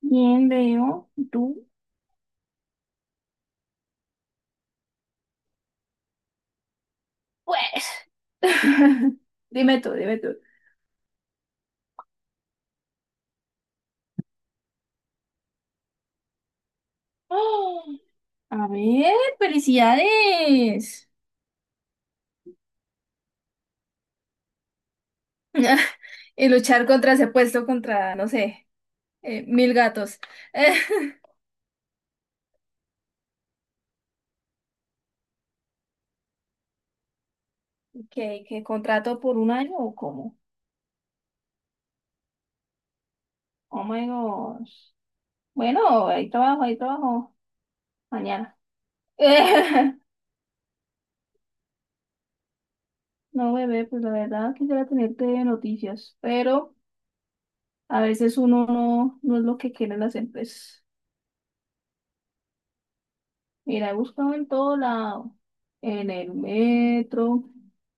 Bien, veo. ¿Tú? Pues. Dime tú, dime tú. ¡Oh! A ver, felicidades. Y luchar contra ese puesto, contra, no sé, mil gatos. ¿Qué contrato por un año o cómo? Oh my gosh. Bueno, hay trabajo, hay trabajo. Mañana. No, bebé, pues la verdad quisiera tenerte noticias, pero a veces uno no es lo que quieren las empresas. Mira, he buscado en todo lado, en el metro,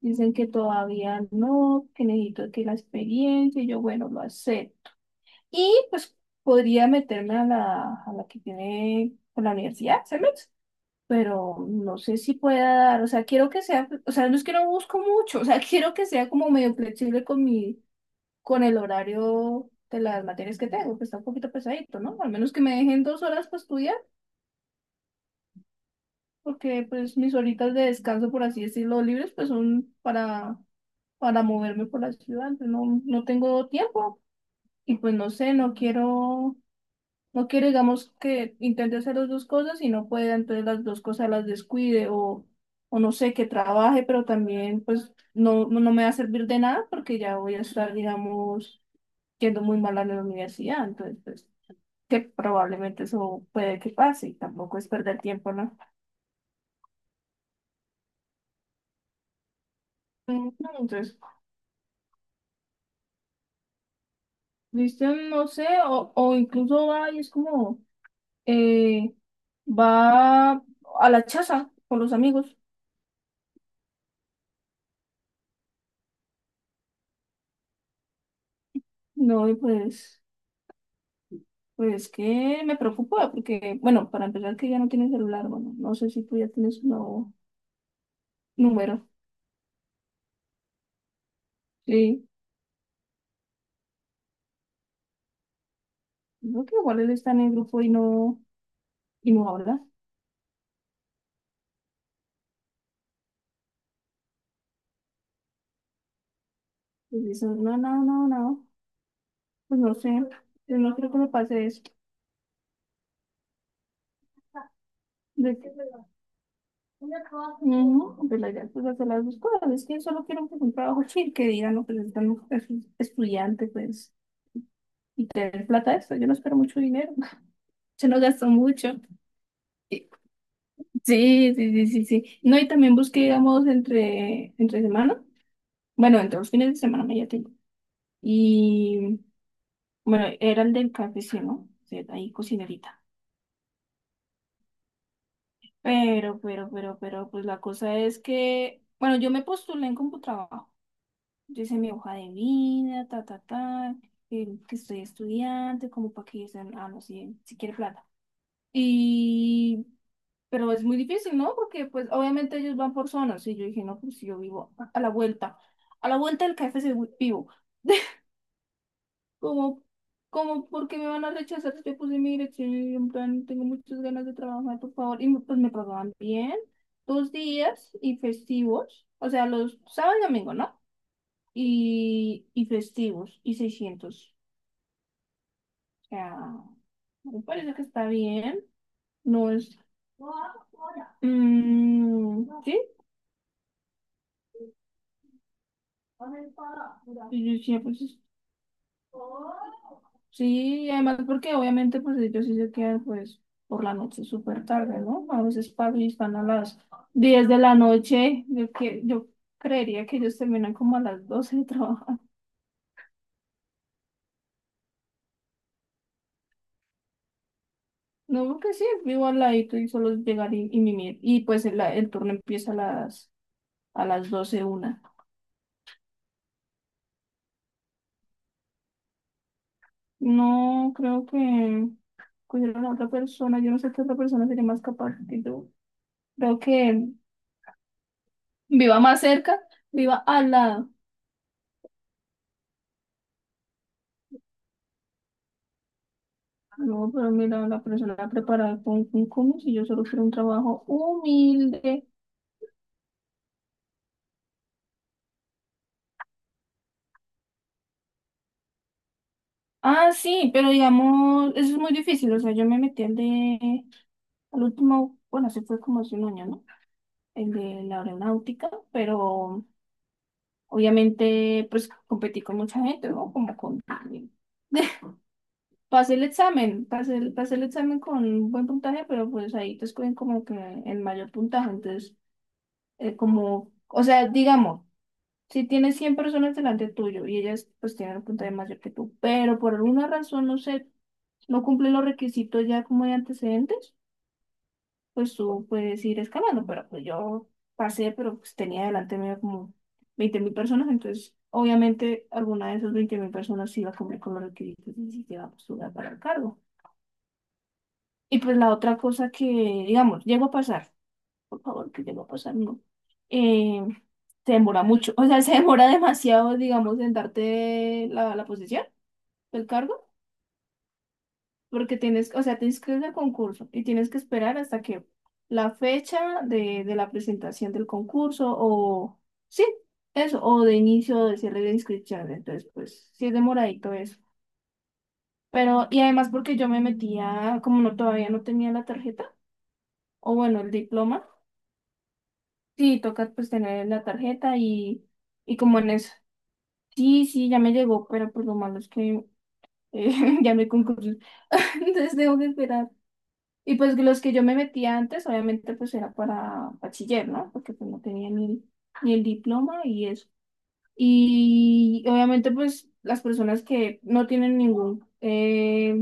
dicen que todavía no, que necesito que la experiencia, y yo, bueno, lo acepto. Y pues podría meterme a la, que tiene con la universidad, ¿sabes? Pero no sé si pueda dar, o sea, quiero que sea, o sea, no es que no busco mucho, o sea, quiero que sea como medio flexible con mi, con el horario de las materias que tengo, que está un poquito pesadito, ¿no? Al menos que me dejen 2 horas para estudiar. Porque pues mis horitas de descanso, por así decirlo, libres, pues son para, moverme por la ciudad. No tengo tiempo y pues no sé, no quiero, digamos, que intente hacer las dos cosas y no pueda, entonces las dos cosas las descuide o no sé, que trabaje, pero también pues no me va a servir de nada porque ya voy a estar, digamos, yendo muy mal a la universidad, entonces pues que probablemente eso puede que pase y tampoco es perder tiempo, ¿no? Mm. Entonces, ¿viste? No sé, o, incluso va y es como, eh, va a la chaza con los amigos. No, y pues que me preocupa, porque, bueno, para empezar que ya no tiene celular, bueno, no sé si tú ya tienes un nuevo número. Sí, creo que igual él está en el grupo y no habla. Pues dice, no, no, no, no, pues no sé, yo no creo que me pase eso. De qué? No, pues la idea pues hacer las dos cosas. Es que yo solo quiero un trabajo chill que digan lo que les dan estudiantes, pues tener plata de esto. Yo no espero mucho dinero. Se nos gastó mucho. Sí, sí, sí, sí, sí. No, y también busqué, digamos, entre semana. Bueno, entre los fines de semana me ya tengo. Y bueno, era el del KFC, ¿no? O sea, ahí cocinerita. Pero, pues la cosa es que, bueno, yo me postulé en Computrabajo. Yo hice mi hoja de vida, ta, ta, ta, que estoy estudiante, como para que dicen, ah, no, si quiere plata. Y, pero es muy difícil, ¿no? Porque, pues, obviamente ellos van por zonas. Y yo dije, no, pues si yo vivo a la vuelta, a la vuelta del KFC vivo. Como, como, ¿porque me van a rechazar? Si yo puse mi dirección y en plan, tengo muchas ganas de trabajar, por favor. Y pues me pagaban bien, 2 días y festivos, o sea, los sábados y domingo, ¿no? y festivos y 600. O sea, me parece que está bien. No es. Mm, sí, y yo decía, pues, sí, y además porque obviamente pues ellos sí se quedan pues por la noche súper tarde, ¿no? A veces pasan y están a las 10 de la noche. Yo creería que ellos terminan como a las 12 de trabajar. No, porque sí, vivo al ladito y solo es llegar y, mimir. Y pues el turno empieza a las doce una. No, creo que cogieron a otra persona. Yo no sé qué otra persona sería más capaz que yo. Creo que viva más cerca, viva al lado. No, pero mira, la persona preparada con un si yo solo quiero un trabajo humilde. Ah, sí, pero digamos, eso es muy difícil. O sea, yo me metí al de, al último, bueno, se fue como hace un año, ¿no? El de la aeronáutica, pero obviamente pues competí con mucha gente, ¿no? Como con alguien. Pasé el examen, pasé el examen con un buen puntaje, pero pues ahí te escogen como que el mayor puntaje. Entonces, como, o sea, digamos, si tienes 100 personas delante tuyo y ellas pues tienen un puntaje mayor que tú, pero por alguna razón, no sé, no cumplen los requisitos ya como de antecedentes, pues tú puedes ir escalando, pero pues yo pasé, pero pues tenía delante mío como 20.000 personas, entonces obviamente alguna de esas 20.000 personas iba a cumplir con los requisitos y sí se iba a postular para el cargo. Y pues la otra cosa que, digamos, llegó a pasar, por favor, que llegó a pasar, no, eh, se demora mucho, o sea, se demora demasiado, digamos, en darte la, posición, el cargo. Porque tienes, o sea, te inscribes al concurso y tienes que esperar hasta que la fecha de la presentación del concurso o, sí, eso, o de inicio o de cierre de inscripción. Entonces, pues, sí es demoradito eso. Pero, y además porque yo me metía, como no todavía no tenía la tarjeta, o bueno, el diploma, sí, toca pues tener la tarjeta y, como en eso. Sí, sí, ya me llegó, pero pues lo malo es que eh, ya me concurso. Entonces tengo que esperar. Y pues los que yo me metía antes, obviamente pues era para bachiller, ¿no? Porque pues no tenía ni el diploma y eso. Y obviamente pues las personas que no tienen ningún,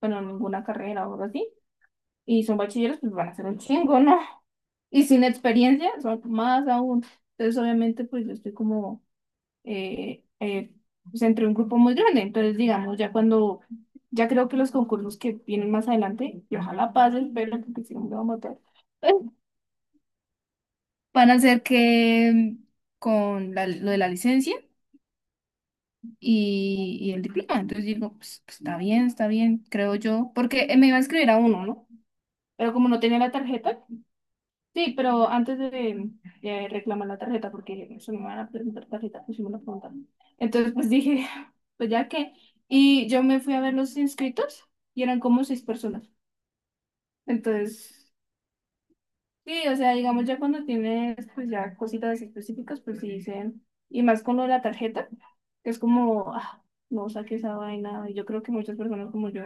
bueno, ninguna carrera o algo así, y son bachilleros, pues van a ser un chingo, ¿no? Y sin experiencia son más aún. Entonces obviamente pues yo estoy como eh, eh, pues entre un grupo muy grande. Entonces, digamos, ya cuando, ya creo que los concursos que vienen más adelante, y ojalá pasen, pero porque si no me va a matar. Van a ser que con lo de la licencia y, el diploma. Entonces digo, pues, está bien, creo yo, porque me iba a inscribir a uno, ¿no? Pero como no tenía la tarjeta, sí, pero antes de reclamar la tarjeta, porque eso me van a preguntar tarjeta, pues sí me lo preguntaron. Entonces, pues dije, pues ya que. Y yo me fui a ver los inscritos y eran como seis personas. Entonces, sí, o sea, digamos, ya cuando tienes, pues ya cositas específicas, pues sí dicen, y más con lo de la tarjeta, que es como, ah, no saqué esa vaina. Y yo creo que muchas personas como yo,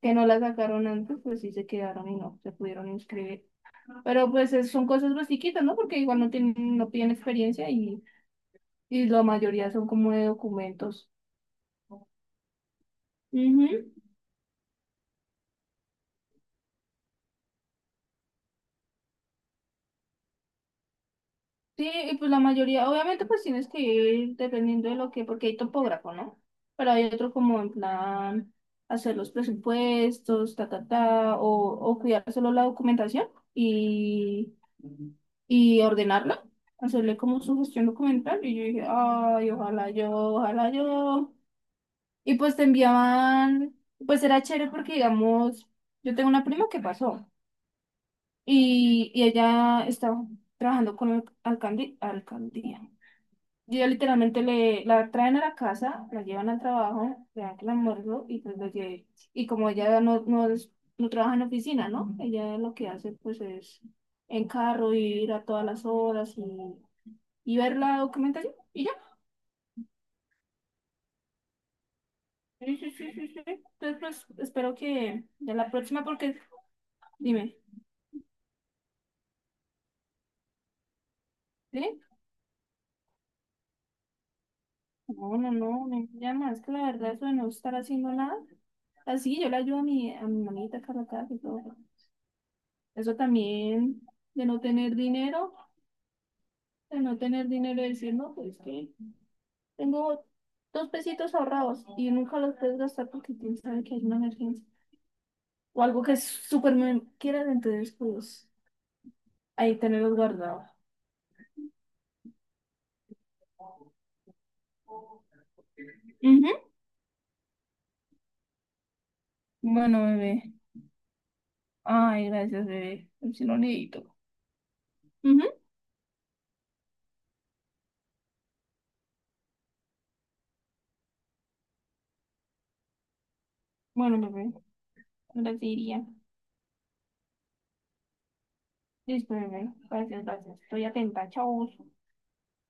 que no la sacaron antes, pues sí se quedaron y no se pudieron inscribir. Pero pues son cosas más chiquitas, ¿no? Porque igual no tienen, no piden experiencia y, la mayoría son como de documentos. Ujú. Sí, y pues la mayoría, obviamente pues tienes que ir dependiendo de lo que, porque hay topógrafo, ¿no? Pero hay otro como en plan hacer los presupuestos, ta, ta, ta, o, cuidar solo la documentación y, y ordenarla, hacerle como su gestión documental. Y yo dije, ay, ojalá yo, ojalá yo. Y pues te enviaban, pues era chévere porque, digamos, yo tengo una prima que pasó y ella estaba trabajando con el alcalde, alcaldía. Y ella literalmente le, la traen a la casa, la llevan al trabajo, le dan el almuerzo y pues lo lle- Y como ella no trabaja en oficina, ¿no? Ella lo que hace pues es en carro ir a todas las horas y, ver la documentación y ya. Sí, sí, sí, sí, sí. Entonces pues espero que ya la próxima porque dime. ¿Sí? No, no, no, niña llama, es que la verdad eso de no estar haciendo nada, así yo le ayudo a mi mamita Carla casa y todo. Eso también de no tener dinero, de no tener dinero y decir, no, pues que tengo dos pesitos ahorrados y nunca los puedes gastar porque quién sabe que hay una emergencia o algo que súper me quieras, entonces pues ahí tenerlos guardados. Ujú. Bueno, bebé. Ay, gracias, bebé. Si no necesito. Ujú. Bueno, bebé, ahora sí iría. Listo, bebé. Gracias, gracias. Estoy atenta. Chau.